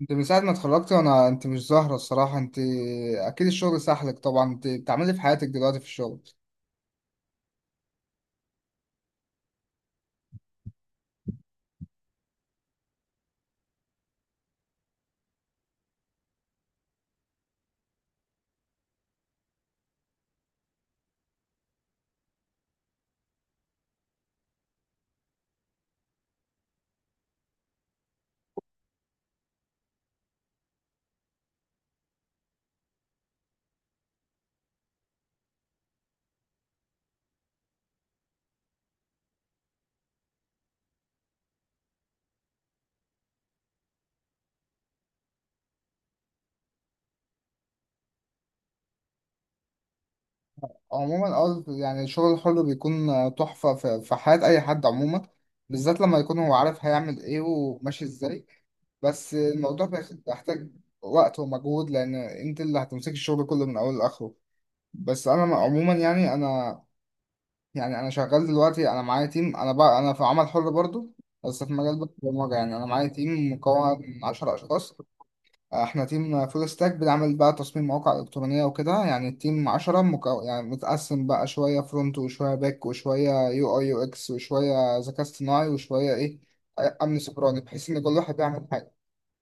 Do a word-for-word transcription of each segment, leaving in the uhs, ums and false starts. انت من ساعة ما اتخرجت وانا انت مش ظاهرة الصراحة. انت اكيد الشغل سحلك، طبعا انت بتعملي إيه في حياتك دلوقتي في الشغل؟ عموما اه، يعني الشغل الحر بيكون تحفة في في حياة اي حد، عموما بالذات لما يكون هو عارف هيعمل ايه وماشي ازاي. بس الموضوع بياخد- بيحتاج وقت ومجهود، لان انت اللي هتمسك الشغل كله من اوله لاخره. بس انا عموما، يعني انا يعني انا شغال دلوقتي، انا معايا تيم، انا بقى انا في عمل حر برضو، بس في مجال البرمجه. يعني انا معايا تيم مكون من عشرة اشخاص. احنا تيم فول ستاك، بنعمل بقى تصميم مواقع الكترونيه وكده. يعني التيم عشر، مكو... يعني متقسم بقى، شويه فرونت وشويه باك وشويه يو اي يو اكس وشويه ذكاء اصطناعي وشويه ايه، امن سيبراني، بحيث ان كل واحد بيعمل حاجه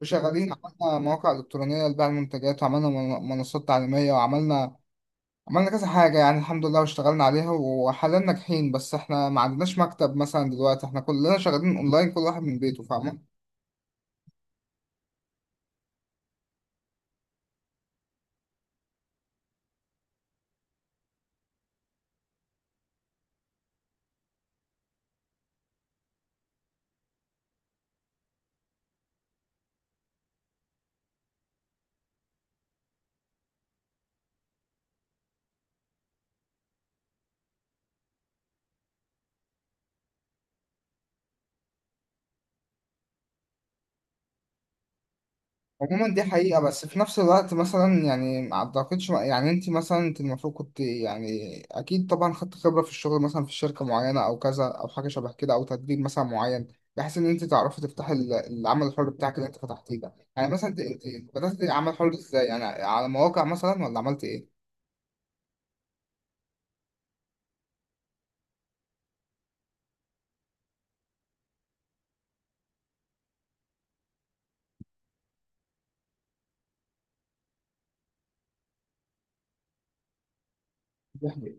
وشغالين. عملنا مواقع الكترونيه لبيع المنتجات، وعملنا من- منصات تعليميه، وعملنا عملنا كذا حاجة، يعني الحمد لله، واشتغلنا عليها وحاليا ناجحين. بس احنا ما عندناش مكتب مثلا، دلوقتي احنا كلنا شغالين اونلاين، كل واحد من بيته، فاهمة؟ عموما دي حقيقة، بس في نفس الوقت مثلا، يعني ما اعتقدش، يعني انت مثلا انت المفروض كنت، يعني اكيد طبعا خدت خبرة في الشغل مثلا في شركة معينة او كذا، او حاجة شبه كده، او تدريب مثلا معين، بحيث ان انت تعرفي تفتحي ال- العمل الحر بتاعك اللي انت فتحتيه ده. يعني مثلا انت انت بدأت عمل حر ازاي؟ يعني على مواقع مثلا، ولا عملت ايه؟ دي حقيقة.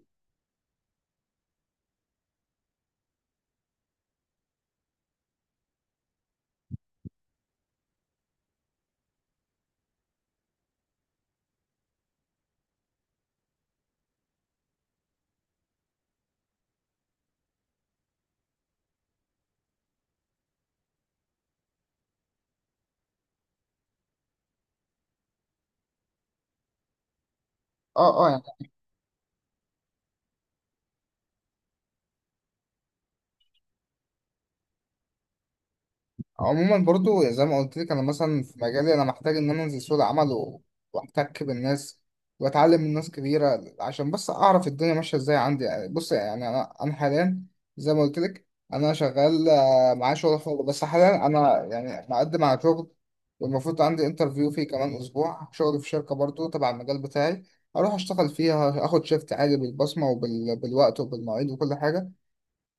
اه، اه. عموما برضو زي ما قلت لك، انا مثلا في مجالي انا محتاج ان انا انزل سوق العمل و- واحتك بالناس واتعلم من ناس كبيره، عشان بس اعرف الدنيا ماشيه ازاي عندي. يعني بص، يعني انا انا حاليا، زي ما قلت لك، انا شغال آه، معايا شغل حر، بس حاليا انا يعني مقدم على شغل، والمفروض عندي انترفيو فيه كمان اسبوع، شغل في شركه برضو تبع المجال بتاعي، اروح اشتغل فيها، اخد شيفت عادي بالبصمه وبالوقت وبالمواعيد وكل حاجه،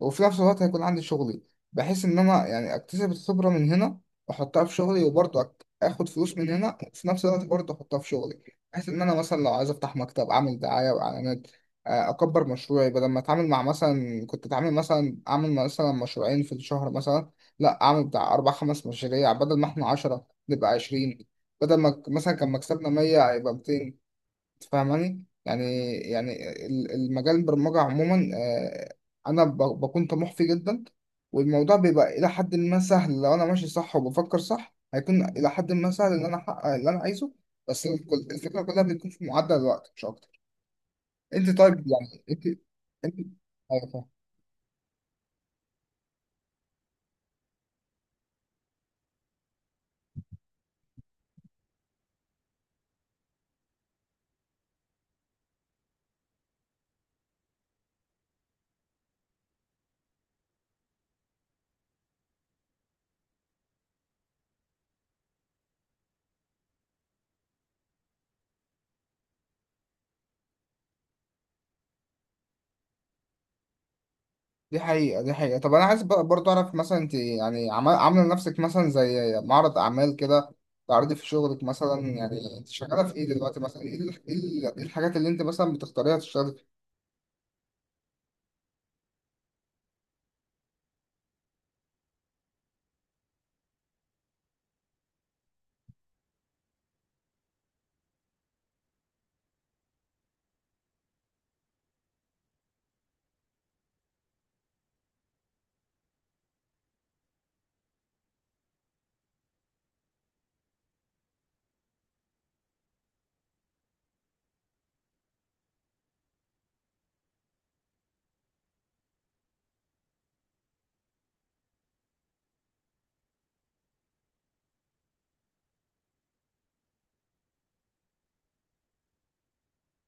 وفي نفس الوقت هيكون عندي شغلي، بحيث ان انا يعني اكتسب الخبرة من هنا واحطها في شغلي، وبرضه أك- اخد فلوس من هنا، وفي نفس الوقت برضه احطها في شغلي، بحيث ان انا مثلا لو عايز افتح مكتب، اعمل دعاية واعلانات، آه، اكبر مشروعي، بدل ما اتعامل مع، مثلا كنت اتعامل مثلا اعمل مثلا مشروعين في الشهر مثلا، لا اعمل بتاع اربع خمس مشاريع، بدل ما احنا عشرة نبقى عشرين، بدل ما ك- مثلا كان مكسبنا مية هيبقى مئتين. فاهماني؟ يعني، يعني ال- المجال، البرمجة عموما، آه، أنا ب- بكون طموح فيه جدا، والموضوع بيبقى إلى حد ما سهل. لو أنا ماشي صح وبفكر صح، هيكون إلى حد ما سهل إن أنا أحقق اللي أنا عايزه. بس الكل- الفكرة كلها بتكون في معدل الوقت، مش أكتر. أنت طيب؟ يعني أنت أنت. أيوة. دي حقيقة، دي حقيقة. طب أنا عايز بق- برضه أعرف، مثلا أنت، يعني عمل- عاملة لنفسك مثلا زي معرض أعمال كده، تعرضي في شغلك مثلا؟ يعني أنت شغالة في إيه دلوقتي مثلا؟ إيه ال- إيه ال- إيه الحاجات اللي أنت مثلا بتختاريها تشتغلي؟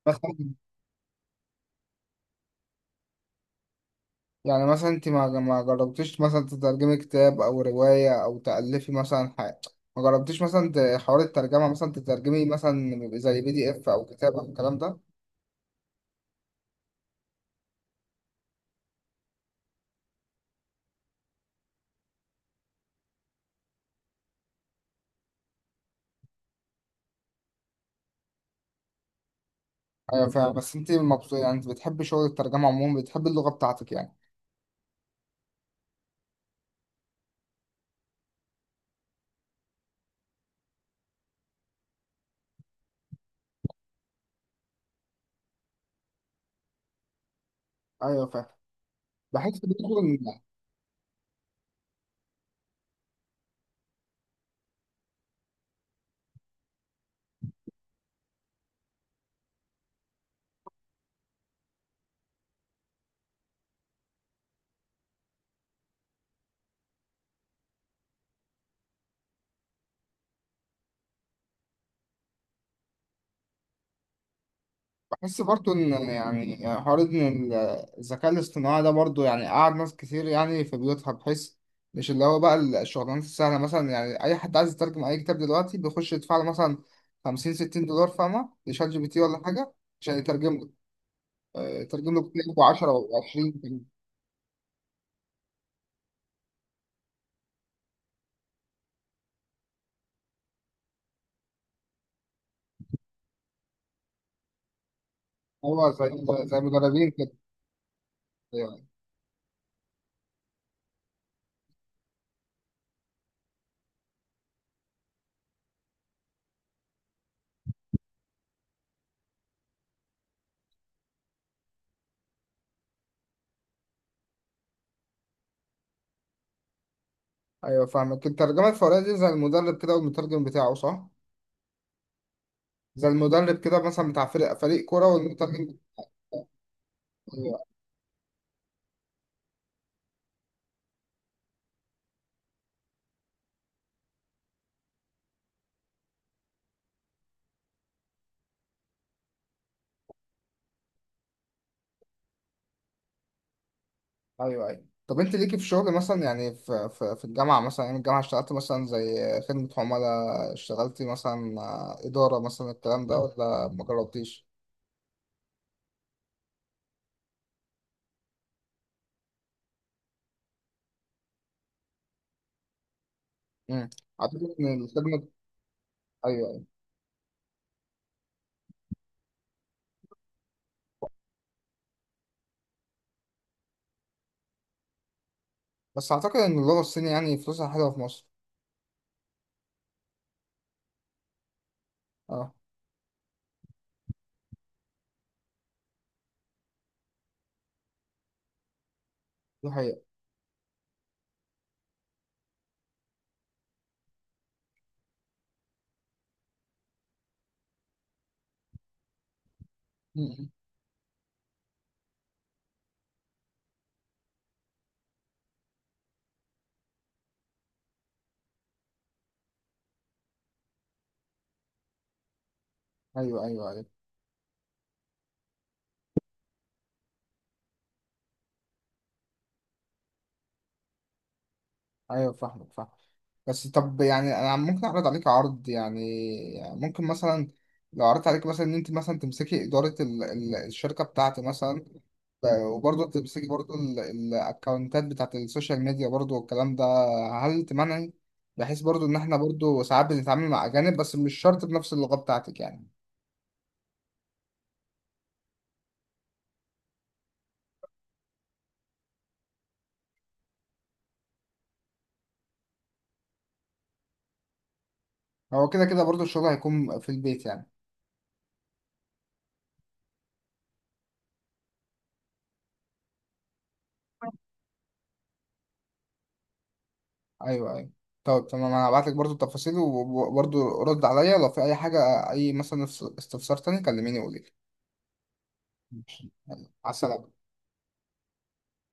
مثلا يعني مثلا أنت ما ما جربتيش مثلا تترجمي كتاب، أو رواية، أو تألفي مثلا حاجة؟ ما جربتيش مثلا ت- حوار الترجمة مثلا، تترجمي مثلا زي بي دي إف أو كتاب أو الكلام ده؟ أيوة فاهم. بس أنت مبسوطة؟ يعني أنت بتحبي شغل الترجمة عموما؟ بتحبي اللغة بتاعتك يعني؟ أيوة فاهم. بحس برضه. بس برضو ان، يعني حوار ان الذكاء الاصطناعي ده برضو، يعني قعد ناس كتير يعني في بيوتها، بحيث مش اللي هو بقى الشغلانات السهلة مثلا. يعني أي حد عايز يترجم أي كتاب دلوقتي بيخش يدفع له مثلا خمسين ستين دولار، فاهمة؟ لشات جي بي تي ولا حاجة، عشان يترجم له، آه، يترجم له كتاب ب عشر و عشرين. هو زي زي مدربين كده يعني. أيوه فاهمك. الترجمة الفورية دي زي المدرب كده والمترجم بتاعه، صح؟ زي المدرب كده مثلا بتاع فريق فريق كورة والمترجم. ايوه، ايوه. طب انت ليكي في شغل مثلا، يعني في في, في الجامعه مثلا، ايام الجامعه اشتغلت مثلا زي خدمه عملاء؟ اشتغلتي مثلا آه، اداره مثلا، الكلام ده ولا ما جربتيش؟ امم. اعتقد ان الخدمه. ايوه، ايوه. بس اعتقد ان اللغه الصينيه يعني فلوسها حلوه في مصر. اه. دي حقيقه. مم. ايوه، ايوه، ايوه. ايوه فاهمك، فاهم. بس طب يعني انا ممكن اعرض عليك عرض، يعني ممكن مثلا، لو عرضت عليك مثلا ان انت مثلا تمسكي اداره ال- ال- الشركه بتاعتي مثلا، وبرضه بتمسكي برضه ال- الاكونتات بتاعت السوشيال ميديا برضه والكلام ده، هل تمنعي؟ بحيث برضه ان احنا برضه ساعات بنتعامل مع اجانب، بس مش شرط بنفس اللغة بتاعتك يعني. هو كده كده برضه الشغل هيكون في البيت يعني. ايوه، ايوه. طب تمام، انا هبعت لك برضه التفاصيل، وبرضه رد عليا لو في اي حاجة، اي مثلا استفسار تاني، كلميني وقولي لي. ماشي. يلا، على السلامة.